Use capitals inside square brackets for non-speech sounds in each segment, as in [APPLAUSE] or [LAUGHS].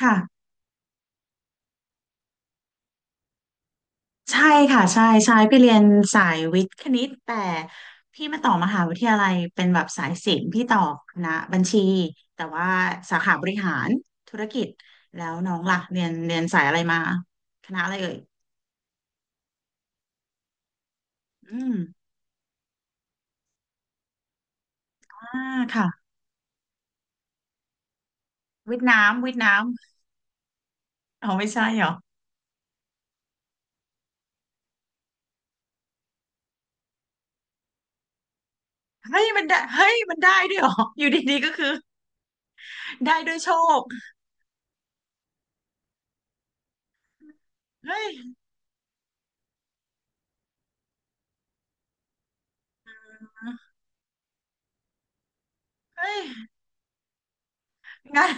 ค่ะใช่ค่ะใช่ใช่พี่เรียนสายวิทย์คณิตแต่พี่มาต่อมหาวิทยาลัยเป็นแบบสายศิลป์พี่ต่อคณะบัญชีแต่ว่าสาขาบริหารธุรกิจแล้วน้องล่ะเรียนเรียนสายอะไรมาคณะอะไรเอ่ยอืมอ่าค่ะวิทย์น้ำวิทย์น้ำอ๋อไม่ใช่เหรอเฮ้ยมันได้เฮ้ยมันได้ด้วยเหรออยู่ดีๆก็คือได้ด้วยโชคเฮ้ยเฮ้ยงั้น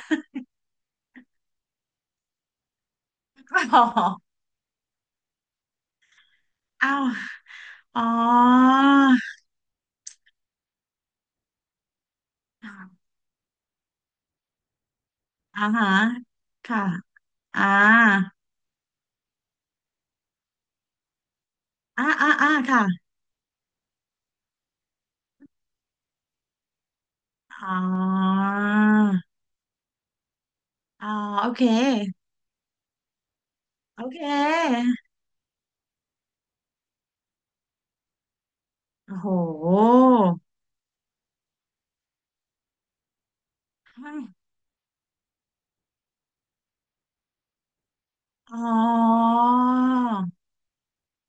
[LAUGHS] อ๋ออ้าวอ๋อ อ่าฮะค่ะอ่าอ่าอ่าอ่าค่ะอ๋ออ๋อโอเคโอเคโอ้โหเฮ้ยอ๋อ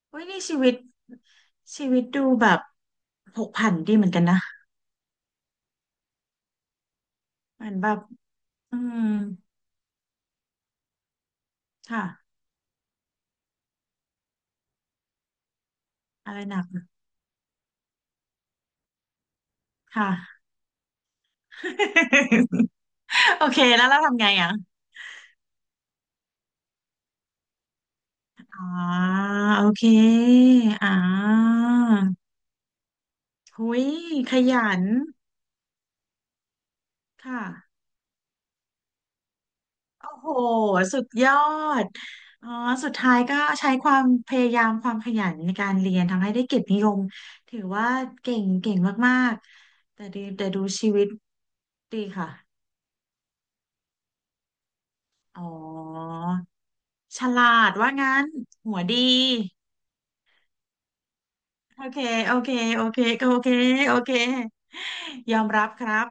เฮ้ยนี่ชีวิตชีวิตดูแบบผกผันดีเหมือนกันนะเหมือนแบบอืมค่ะอะไรหนักค่ะ [LAUGHS] โอเคแล้วเราทำไงอ่ะอ๋อโอเคอ่าหุยขยันค่ะ โหสุดยอดอ๋อสุดท้ายก็ใช้ความพยายามความขยันในการเรียนทำให้ได้เกียรตินิยมถือว่าเก่งเก่งมากๆแต่ดีแต่ดูชีวิตดีค่ะอ๋อฉลาดว่างั้นหัวดีโอเคโอเคโอเคโอเคโอเคยอมรับครับ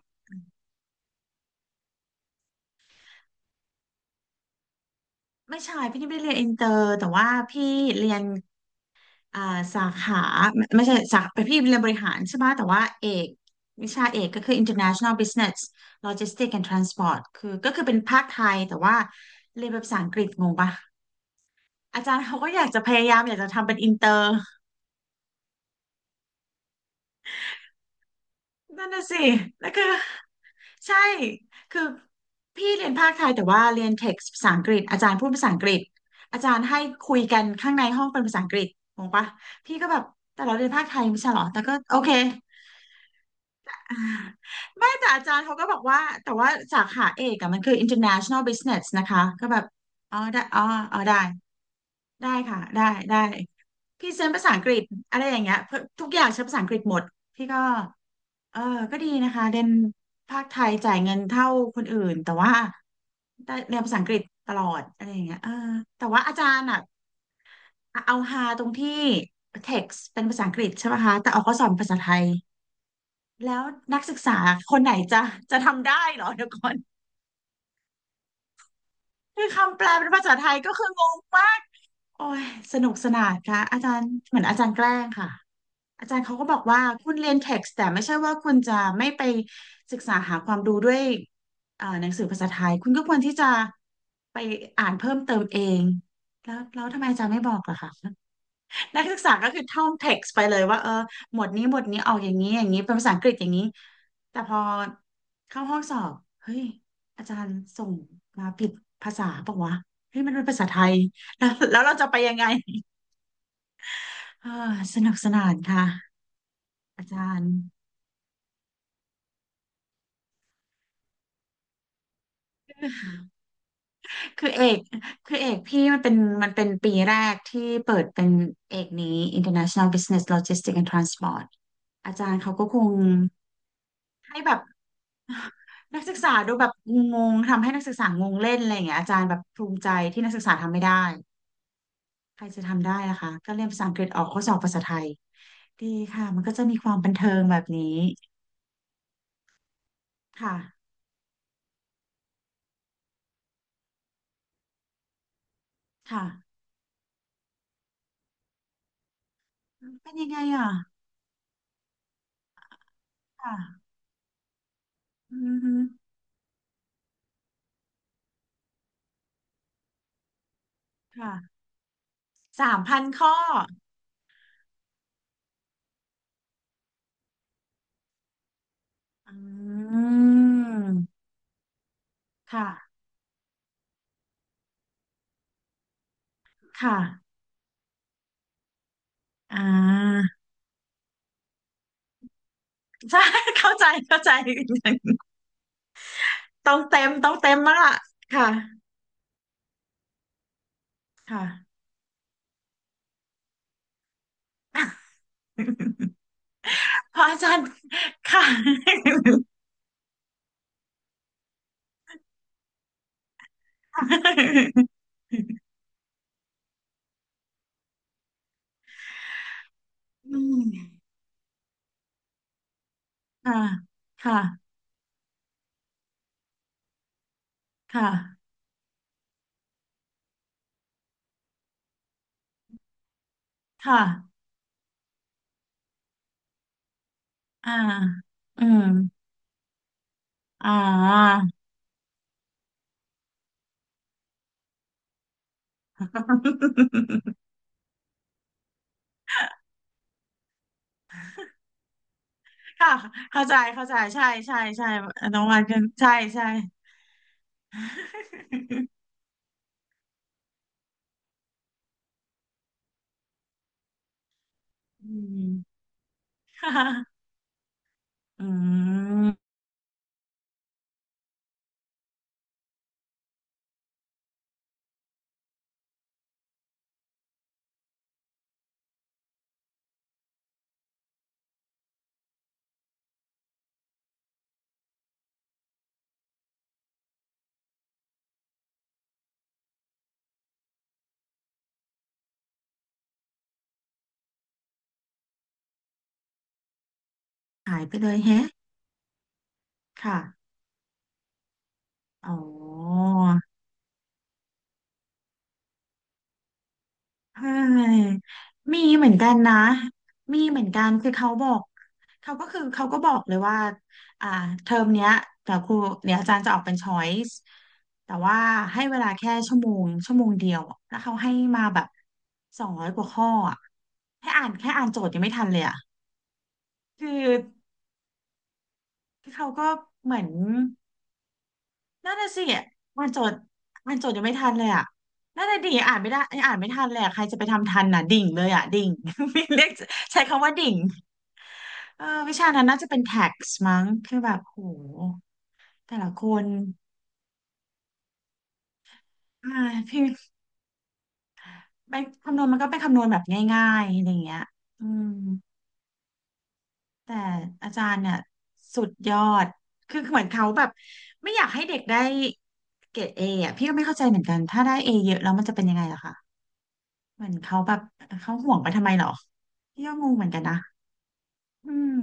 ไม่ใช่พี่นี่ไม่ได้เรียนอินเตอร์แต่ว่าพี่เรียน อ่าสาขาไม่ไม่ใช่สาขาพี่เรียนบริหารใช่ไหมแต่ว่าเอกวิชาเอกก็คือ International Business Logistics and Transport คือก็คือเป็นภาคไทยแต่ว่าเรียนเป็นภาษาอังกฤษงงปะอาจารย์เขาก็อยากจะพยายามอยากจะทำเป็นอินเตอร์นั่นน่ะสิแล้วคือใช่คือพี่เรียนภาคไทยแต่ว่าเรียนเท็กซ์ภาษาอังกฤษอาจารย์พูดภาษาอังกฤษอาจารย์ให้คุยกันข้างในห้องเป็นภาษาอังกฤษงงปะพี่ก็แบบแต่เราเรียนภาคไทยไม่ใช่เหรอแต่ก็โอเค อ่าไม่แต่อาจารย์เขาก็บอกว่าแต่ว่าสาขาเอกอะมันคือ international business นะคะก็แบบอ๋อได้อ๋ออ๋อได้ได้ค่ะได้ได้พรี่เซนต์ภาษาอังกฤษอะไรอย่างเงี้ยเพราะทุกอย่างใช้ภาษาอังกฤษหมดพี่ก็เออก็ดีนะคะเรียนภาคไทยจ่ายเงินเท่าคนอื่นแต่ว่าได้เรียนภาษาอังกฤษตลอดอะไรอย่างเงี้ยเออแต่ว่าอาจารย์อ่ะเอาฮาตรงที่ text เป็นภาษาอังกฤษใช่ไหมคะแต่ออกข้อสอบเป็นภาษาไทย แล้วนักศึกษาคนไหนจะจะทำได้เหรอเดี๋ยวก่อนคือคำแปลเป็นภาษาไทยก็คืองงมากโอ้ยสนุกสนานค่ะอาจารย์เหมือนอาจารย์แกล้งค่ะอาจารย์เขาก็บอกว่าคุณเรียนเท็กซ์แต่ไม่ใช่ว่าคุณจะไม่ไปศึกษาหาความรู้ด้วยหนังสือภาษาไทยคุณก็ควรที่จะไปอ่านเพิ่มเติมเองแล้วแล้วทำไมอาจารย์ไม่บอกล่ะคะ นักศึกษาก็คือท่องเท็กซ์ไปเลยว่าเออหมวดนี้หมวดนี้ออกอย่างนี้อย่างนี้เป็นภาษาอังกฤษอย่างนี้แต่พอเข้าห้องสอบเฮ้ยอาจารย์ส่งมาผิดภาษาปะวะเฮ้ยมันเป็นภาษาไทยแล้วแล้วเราจะไปยังไงเออสนุกสนานค่ะอาจารย์คือเอกคือเอกพี่มันเป็นมันเป็นปีแรกที่เปิดเป็นเอกนี้ International Business Logistics and Transport อาจารย์เขาก็คง ให้แบบ [SIGHS] นักศึกษาดูแบบงงๆทำให้นักศึกษางงเล่นอะไรอย่างเงี้ยอาจารย์แบบภูมิใจที่นักศึกษาทำไม่ได้ใครจะทำได้ล่ะคะก็เรียนภาษาอังกฤษออกข้อสอบภาษาไทยดีค่ะมันก็จะมีความบันเทิงแบบนี้ค่ะค่ะเป็นยังไงอ่ะค่ะอือฮึค่ะ3,000 ข้ออืมค่ะค่ะอ่าใช่ [LAUGHS] เข้าใจเข้าใจต้องเต็มต้องเต็มมากอะค่ะค่ะ พระอาจารย์ค่ะอืมค่ะค่ะค่ะค่ะอ่าอืมอ่าค่ะเข้าใจเข้าใจใช่ใช่ใช่น้องวันก็ใช่ใช่อืมค่ะอืมหายไปเลยแฮะค่ะอ๋อ ใช่มีเหมือนกันนะมีเหมือนกันคือเขาบอกเขาก็คือเขาก็บอกเลยว่าอ่าเทอมเนี้ยเดี๋ยวครูเดี๋ยวอาจารย์จะออกเป็น choice แต่ว่าให้เวลาแค่ชั่วโมงชั่วโมงเดียวอะแล้วเขาให้มาแบบ200 กว่าข้ออะแค่อ่านแค่อ่านโจทย์ยังไม่ทันเลยอะคือเขาก็เหมือน นั่นน่ะสิอ่านโจทย์อ่านโจทย์ยังไม่ทันเลยอ่ะนั่นน่ะดิอ่านไม่ได้งอ่านไม่ทันเลยอะใครจะไปทำทันน่ะดิ่งเลยอ่ะดิ่ง [LAUGHS] มีเรียกใช้คำว่าดิ่งเออวิชานั้นน่าจะเป็น tax มั้งคือแบบโหแต่ละคนอ่าพี่ไปคำนวณมันก็เป็นคำนวณแบบง่ายๆอะไรอย่างเงี้ยอืมแต่อาจารย์เนี่ยสุดยอดคือเหมือนเขาแบบไม่อยากให้เด็กได้เกรดเออ่ะพี่ก็ไม่เข้าใจเหมือนกันถ้าได้เอเยอะแล้วมันจะเป็นยังไงล่ะคะ เหมือนเขาแบบเขาห่วงไปทำไมเหรอพี่ก็งงเหมือนกันนะอืม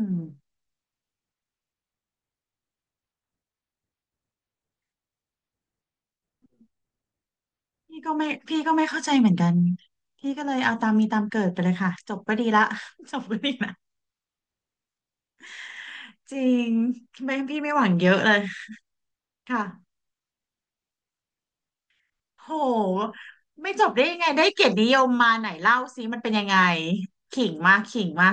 พี่ก็ไม่พี่ก็ไม่เข้าใจเหมือนกันพี่ก็เลยเอาตามมีตามเกิดไปเลยค่ะจบก็ดีละ [LAUGHS] จบก็ดีละจริงไม่พี่ไม่หวังเยอะเลยค่ะโหไม่จบได้ยังไงได้เกียรตินิยมมาไหนเล่าสิมันเป็นยังไงขิงมาขิงมา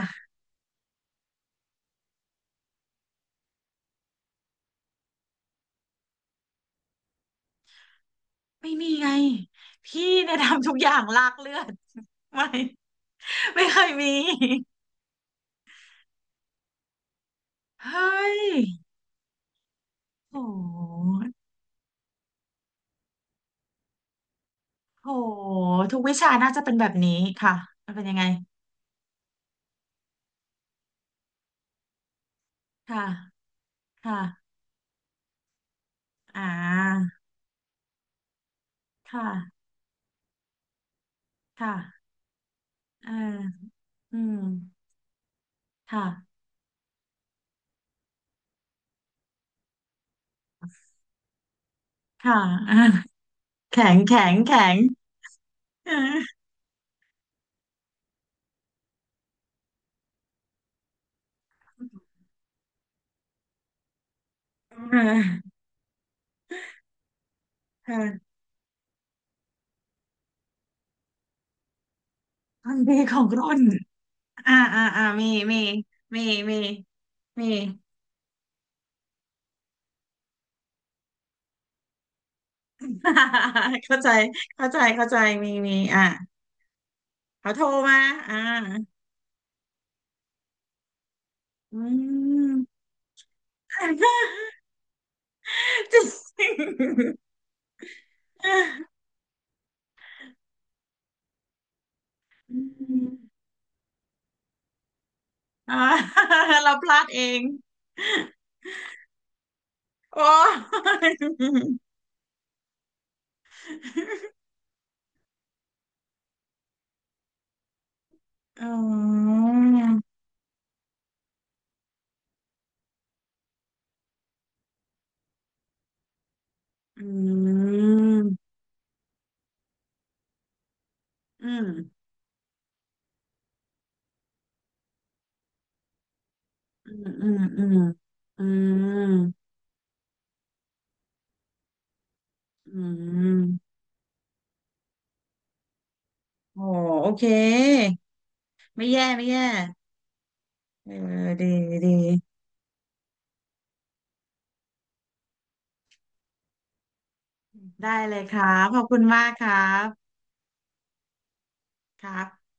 ไม่มีไงพี่เนี่ยทำทุกอย่างลากเลือด [LAUGHS] ไม่ไม่เคยมีเฮ้ยโอ้ โหทุกวิชาน่าจะเป็นแบบนี้ค่ะมันเป็นยังไงค่ะค่ะอ่าค่ะค่ะเอออืมค่ะค่ะอ่าแข็งแข็งแข็งเออเออเออคนดีของรุ่นอ่าอ่าอ่ามีมีมีมีมี [LAUGHS] เข้าใจเข้าใจเข้าใจมีมีอ่าเขาโทรมาอ่าอืม [LAUGHS] จริง [LAUGHS] อืม อ่า [LAUGHS] เราพลาดเองโอ้ย [LAUGHS] อ๋ออืมอืมอืมอืมอืมอืมอืมโอ้โอเค ไม่แย่ไม่แย่เออดีดี ได้เลยครับ ขอบคุณมากครับ ครับ